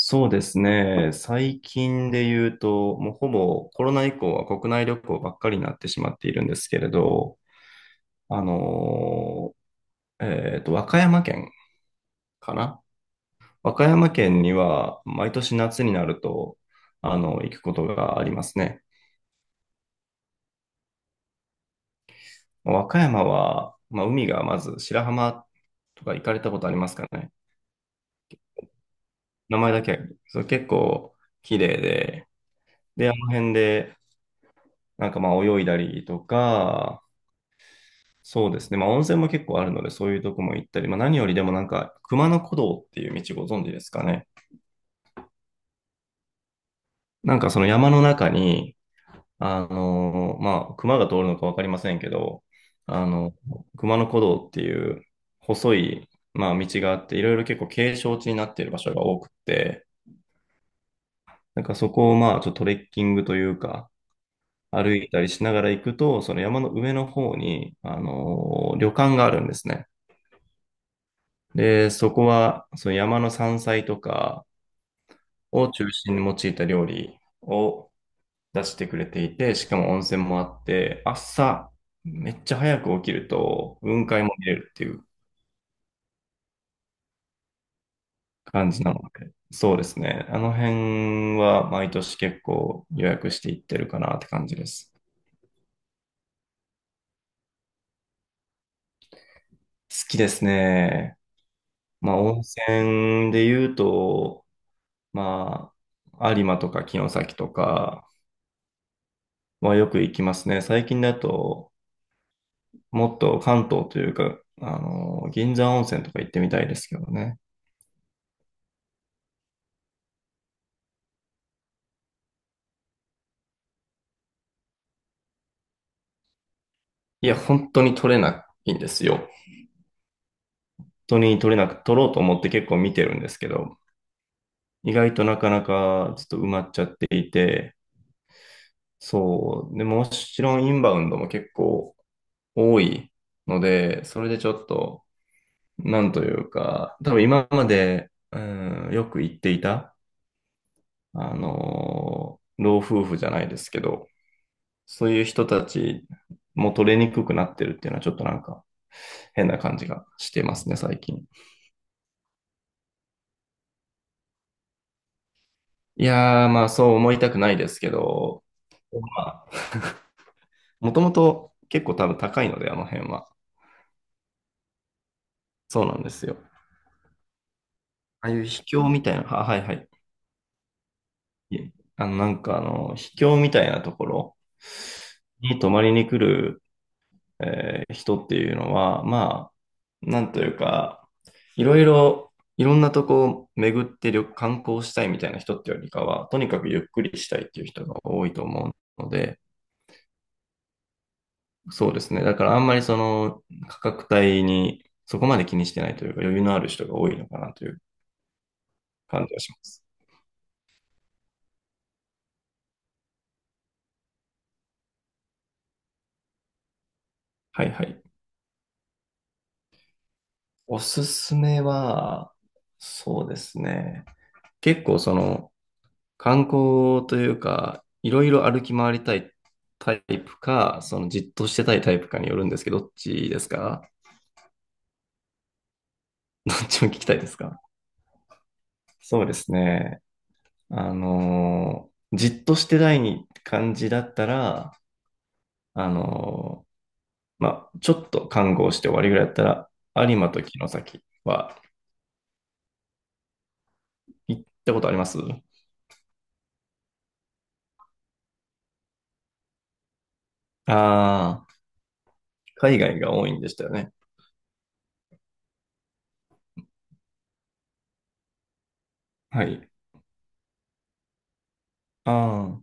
そうですね。最近で言うと、もうほぼコロナ以降は国内旅行ばっかりになってしまっているんですけれど、あの和歌山県かな。和歌山県には毎年夏になると、行くことがありますね。和歌山は、まあ、海がまず白浜とか行かれたことありますかね？名前だけ、そう、結構綺麗で、で、あの辺で、なんかまあ泳いだりとか、そうですね。まあ、温泉も結構あるので、そういうとこも行ったり、まあ、何よりでもなんか、熊野古道っていう道ご存知ですかね？なんかその山の中に、まあ、熊が通るのかわかりませんけど、あの、熊野古道っていう細い、まあ、道があって、いろいろ結構景勝地になっている場所が多くて、なんかそこをまあ、ちょっとトレッキングというか、歩いたりしながら行くと、その山の上の方に、旅館があるんですね。で、そこは、その山の山菜とか、を中心に用いた料理を出してくれていて、しかも温泉もあって、朝、めっちゃ早く起きると、雲海も見れるっていう感じなので、そうですね。あの辺は毎年結構予約していってるかなって感じです。好きですね。まあ、温泉で言うと、まあ、有馬とか城崎とかはよく行きますね。最近だと、もっと関東というか、銀山温泉とか行ってみたいですけどね。いや、本当に取れないんですよ。本当に取れなく、取ろうと思って結構見てるんですけど、意外となかなかちょっと埋まっちゃっていて、そう。で、もちろんインバウンドも結構多いので、それでちょっと、なんというか、多分今まで、うん、よく行っていた、老夫婦じゃないですけど、そういう人たちも取れにくくなってるっていうのはちょっとなんか変な感じがしてますね、最近。いやー、まあそう思いたくないですけど、まあ、もともと結構多分高いので、あの辺は。そうなんですよ。ああいう秘境みたいな、あ、はいはい。いえなんか秘境みたいなところに泊まりに来る人っていうのは、まあ、なんというか、いろいろ、いろんなとこを巡って旅観光したいみたいな人ってよりかは、とにかくゆっくりしたいっていう人が多いと思うので、そうですね。だからあんまりその価格帯にそこまで気にしてないというか、余裕のある人が多いのかなという感じがします。はいはい。おすすめは、そうですね。結構その、観光というか、いろいろ歩き回りたいタイプか、そのじっとしてたいタイプかによるんですけど、どっちですか？ どっちも聞きたいですか？そうですね。あのじっとしてたい感じだったら、あのまあ、ちょっと観光して終わりぐらいだったら、有馬と城崎は行ったことあります？ああー、海外が多いんでしたよね。はい。ああ。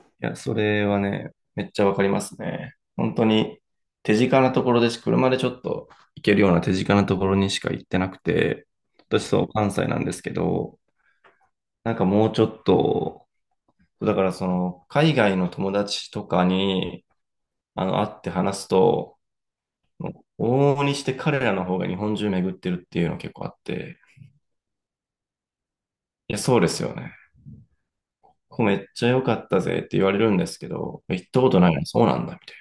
いや、それはね、めっちゃわかりますね。本当に手近なところでし、車でちょっと行けるような手近なところにしか行ってなくて、私そう、関西なんですけど、なんかもうちょっと、だからその、海外の友達とかに、会って話すと、往々にして彼らの方が日本中巡ってるっていうの結構あって、いや、そうですよね。ここめっちゃ良かったぜって言われるんですけど、行ったことないの、そうなんだ、みたい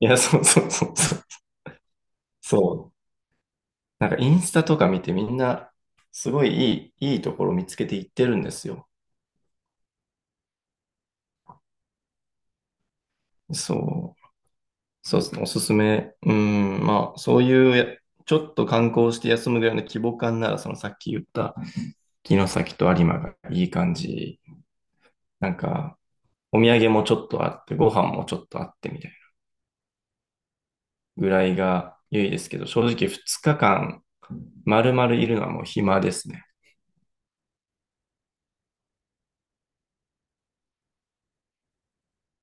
な。いや、そうそうそうそう。そう。なんかインスタとか見てみんなすごいいい、いいところ見つけていってるんですよ。そう。そうですね。おすすめ。うん。まあ、そういうや、ちょっと観光して休むぐらいの規模感なら、そのさっき言った城崎と有馬がいい感じ。なんか、お土産もちょっとあって、ご飯もちょっとあってみたいなぐらいが良いですけど、正直2日間丸々いるのはもう暇ですね。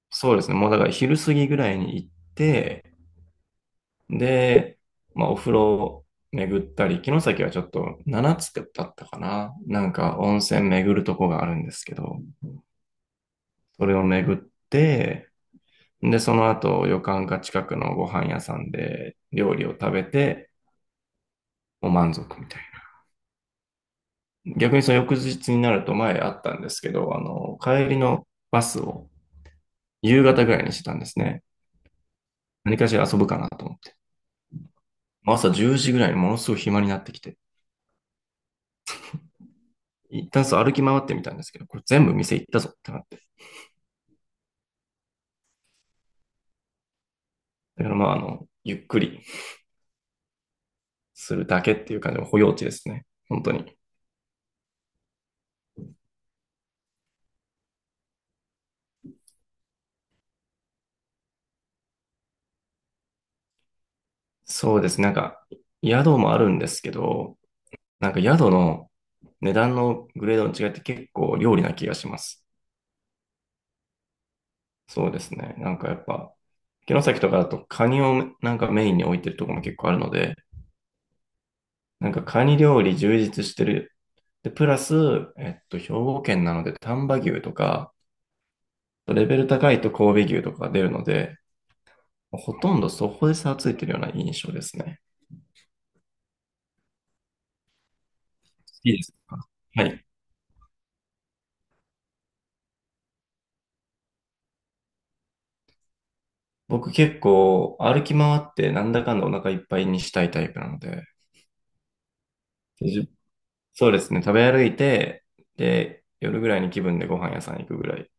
そうですね。もうだから昼過ぎぐらいに行って、で、まあ、お風呂巡ったり、城崎はちょっと7つだったかな。なんか温泉巡るとこがあるんですけど、それを巡って、で、その後旅館か近くのご飯屋さんで料理を食べて、もう満足みたいな。逆にその翌日になると前あったんですけど、帰りのバスを夕方ぐらいにしてたんですね。何かしら遊ぶかなと思って。朝10時ぐらいにものすごい暇になってきて、一旦そう歩き回ってみたんですけど、これ全部店行ったぞってなっだからまあ、ゆっくりするだけっていう感じの保養地ですね。本当に。そうですね。なんか、宿もあるんですけど、なんか宿の値段のグレードの違いって結構料理な気がします。そうですね。なんかやっぱ、城崎とかだとカニをなんかメインに置いてるところも結構あるので、なんかカニ料理充実してる。で、プラス、兵庫県なので丹波牛とか、レベル高いと神戸牛とかが出るので、ほとんどそこで差がついてるような印象ですね。いいですか？はい。僕結構歩き回ってなんだかんだお腹いっぱいにしたいタイプなので、でじそうですね、食べ歩いて、で、夜ぐらいに気分でご飯屋さん行くぐらい。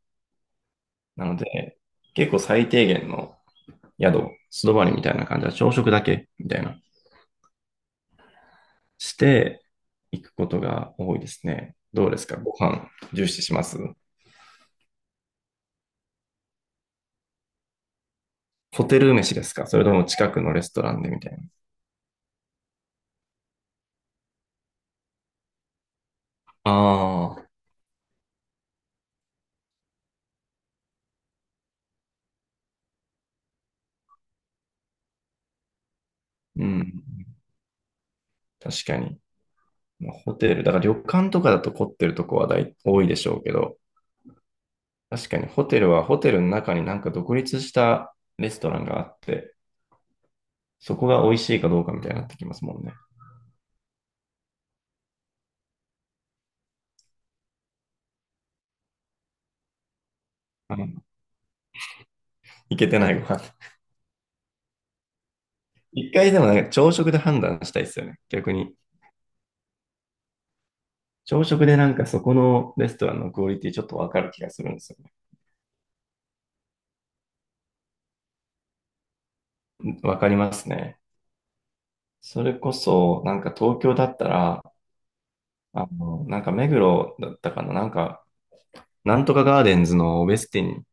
なので、結構最低限の宿、素泊まりみたいな感じは朝食だけみたいな、して行くことが多いですね。どうですか？ご飯重視します？ホテル飯ですか？それとも近くのレストランでみたいな。ああ、うん。確かに。まあホテル、だから旅館とかだと凝ってるとこは大多いでしょうけど、確かにホテルはホテルの中になんか独立したレストランがあって、そこが美味しいかどうかみたいになってきますもんね。いけてないご飯。一回でもなんか朝食で判断したいですよね。逆に。朝食でなんかそこのレストランのクオリティちょっとわかる気がするんですよね。わかりますね。それこそ、なんか東京だったら、なんか目黒だったかな、なんか、なんとかガーデンズのウェスティン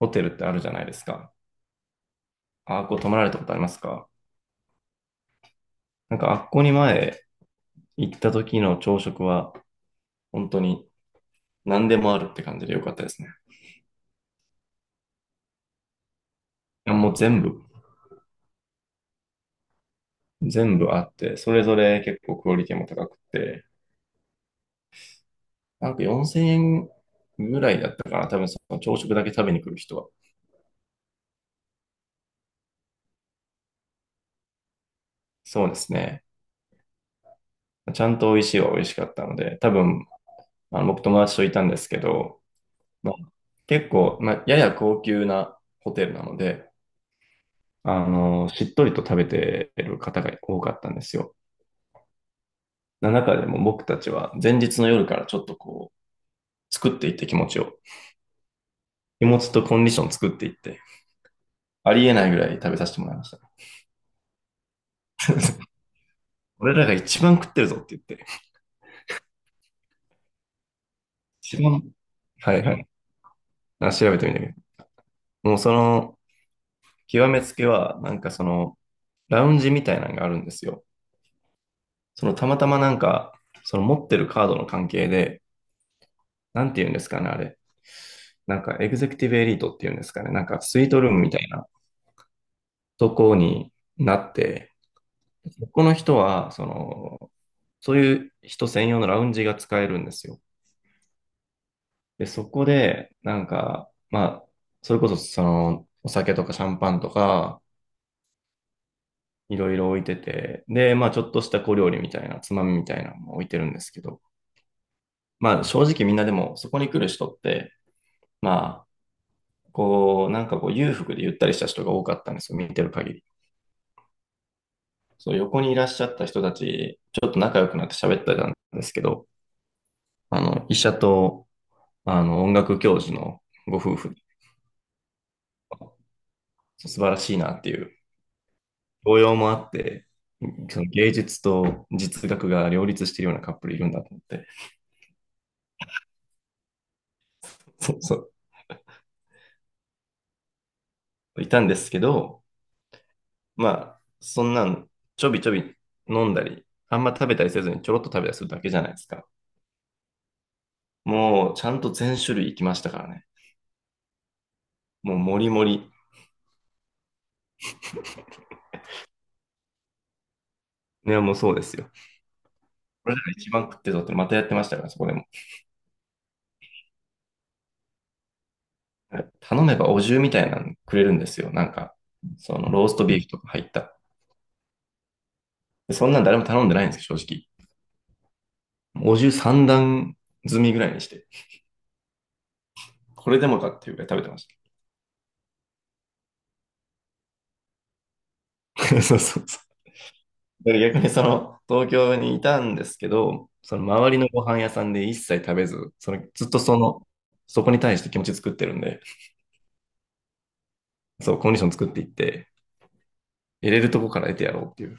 ホテルってあるじゃないですか。あっこ泊まられたことありますか？なんかあっこに前行った時の朝食は本当に何でもあるって感じで良かったですね。いやもう全部、全部あって、それぞれ結構クオリティも高くて、なんか4000円ぐらいだったかな。多分その朝食だけ食べに来る人は。そうですね。ちゃんと美味しいは美味しかったので、多分僕友達といたんですけど、まあ、結構、まあ、やや高級なホテルなので、しっとりと食べてる方が多かったんですよ。な中でも僕たちは前日の夜からちょっとこう、作っていって気持ちを。気持ちとコンディション作っていって、ありえないぐらい食べさせてもらいました 俺らが一番食ってるぞって言って。一番はいはい。あ調べてみたけど。もうその、極めつけは、なんかその、ラウンジみたいなのがあるんですよ。その、たまたまなんか、その持ってるカードの関係で、なんて言うんですかね、あれ。なんか、エグゼクティブエリートっていうんですかね。なんか、スイートルームみたいなとこになって、この人は、その、そういう人専用のラウンジが使えるんですよ。で、そこで、なんか、まあ、それこそ、その、お酒とかシャンパンとか、いろいろ置いてて、で、まあ、ちょっとした小料理みたいな、つまみみたいなのも置いてるんですけど、まあ、正直みんなでも、そこに来る人って、まあ、こう、なんかこう、裕福でゆったりした人が多かったんですよ、見てる限り。そう、横にいらっしゃった人たち、ちょっと仲良くなって喋ってたんですけど、医者と音楽教授のご夫婦、素晴らしいなっていう、教養もあって、その芸術と実学が両立しているようなカップルいるんだと思って、そうそう、いたんですけど、まあ、そんなんちょびちょび飲んだり、あんま食べたりせずにちょろっと食べたりするだけじゃないですか。もうちゃんと全種類いきましたからね。もうもりもり。ね、もうそうですよ。これだからが一番食ってぞってまたやってましたからね、そこでも。頼めばお重みたいなのくれるんですよ。なんか、そのローストビーフとか入ったそんなん誰も頼んでないんですよ、正直。お重3段積みぐらいにして、これでもかっていうぐらい食べてました。そうそうそう。逆にその東京にいたんですけど、その周りのご飯屋さんで一切食べず、そのずっとその、そこに対して気持ち作ってるんで、そう、コンディション作っていって、入れるとこから得てやろうっていう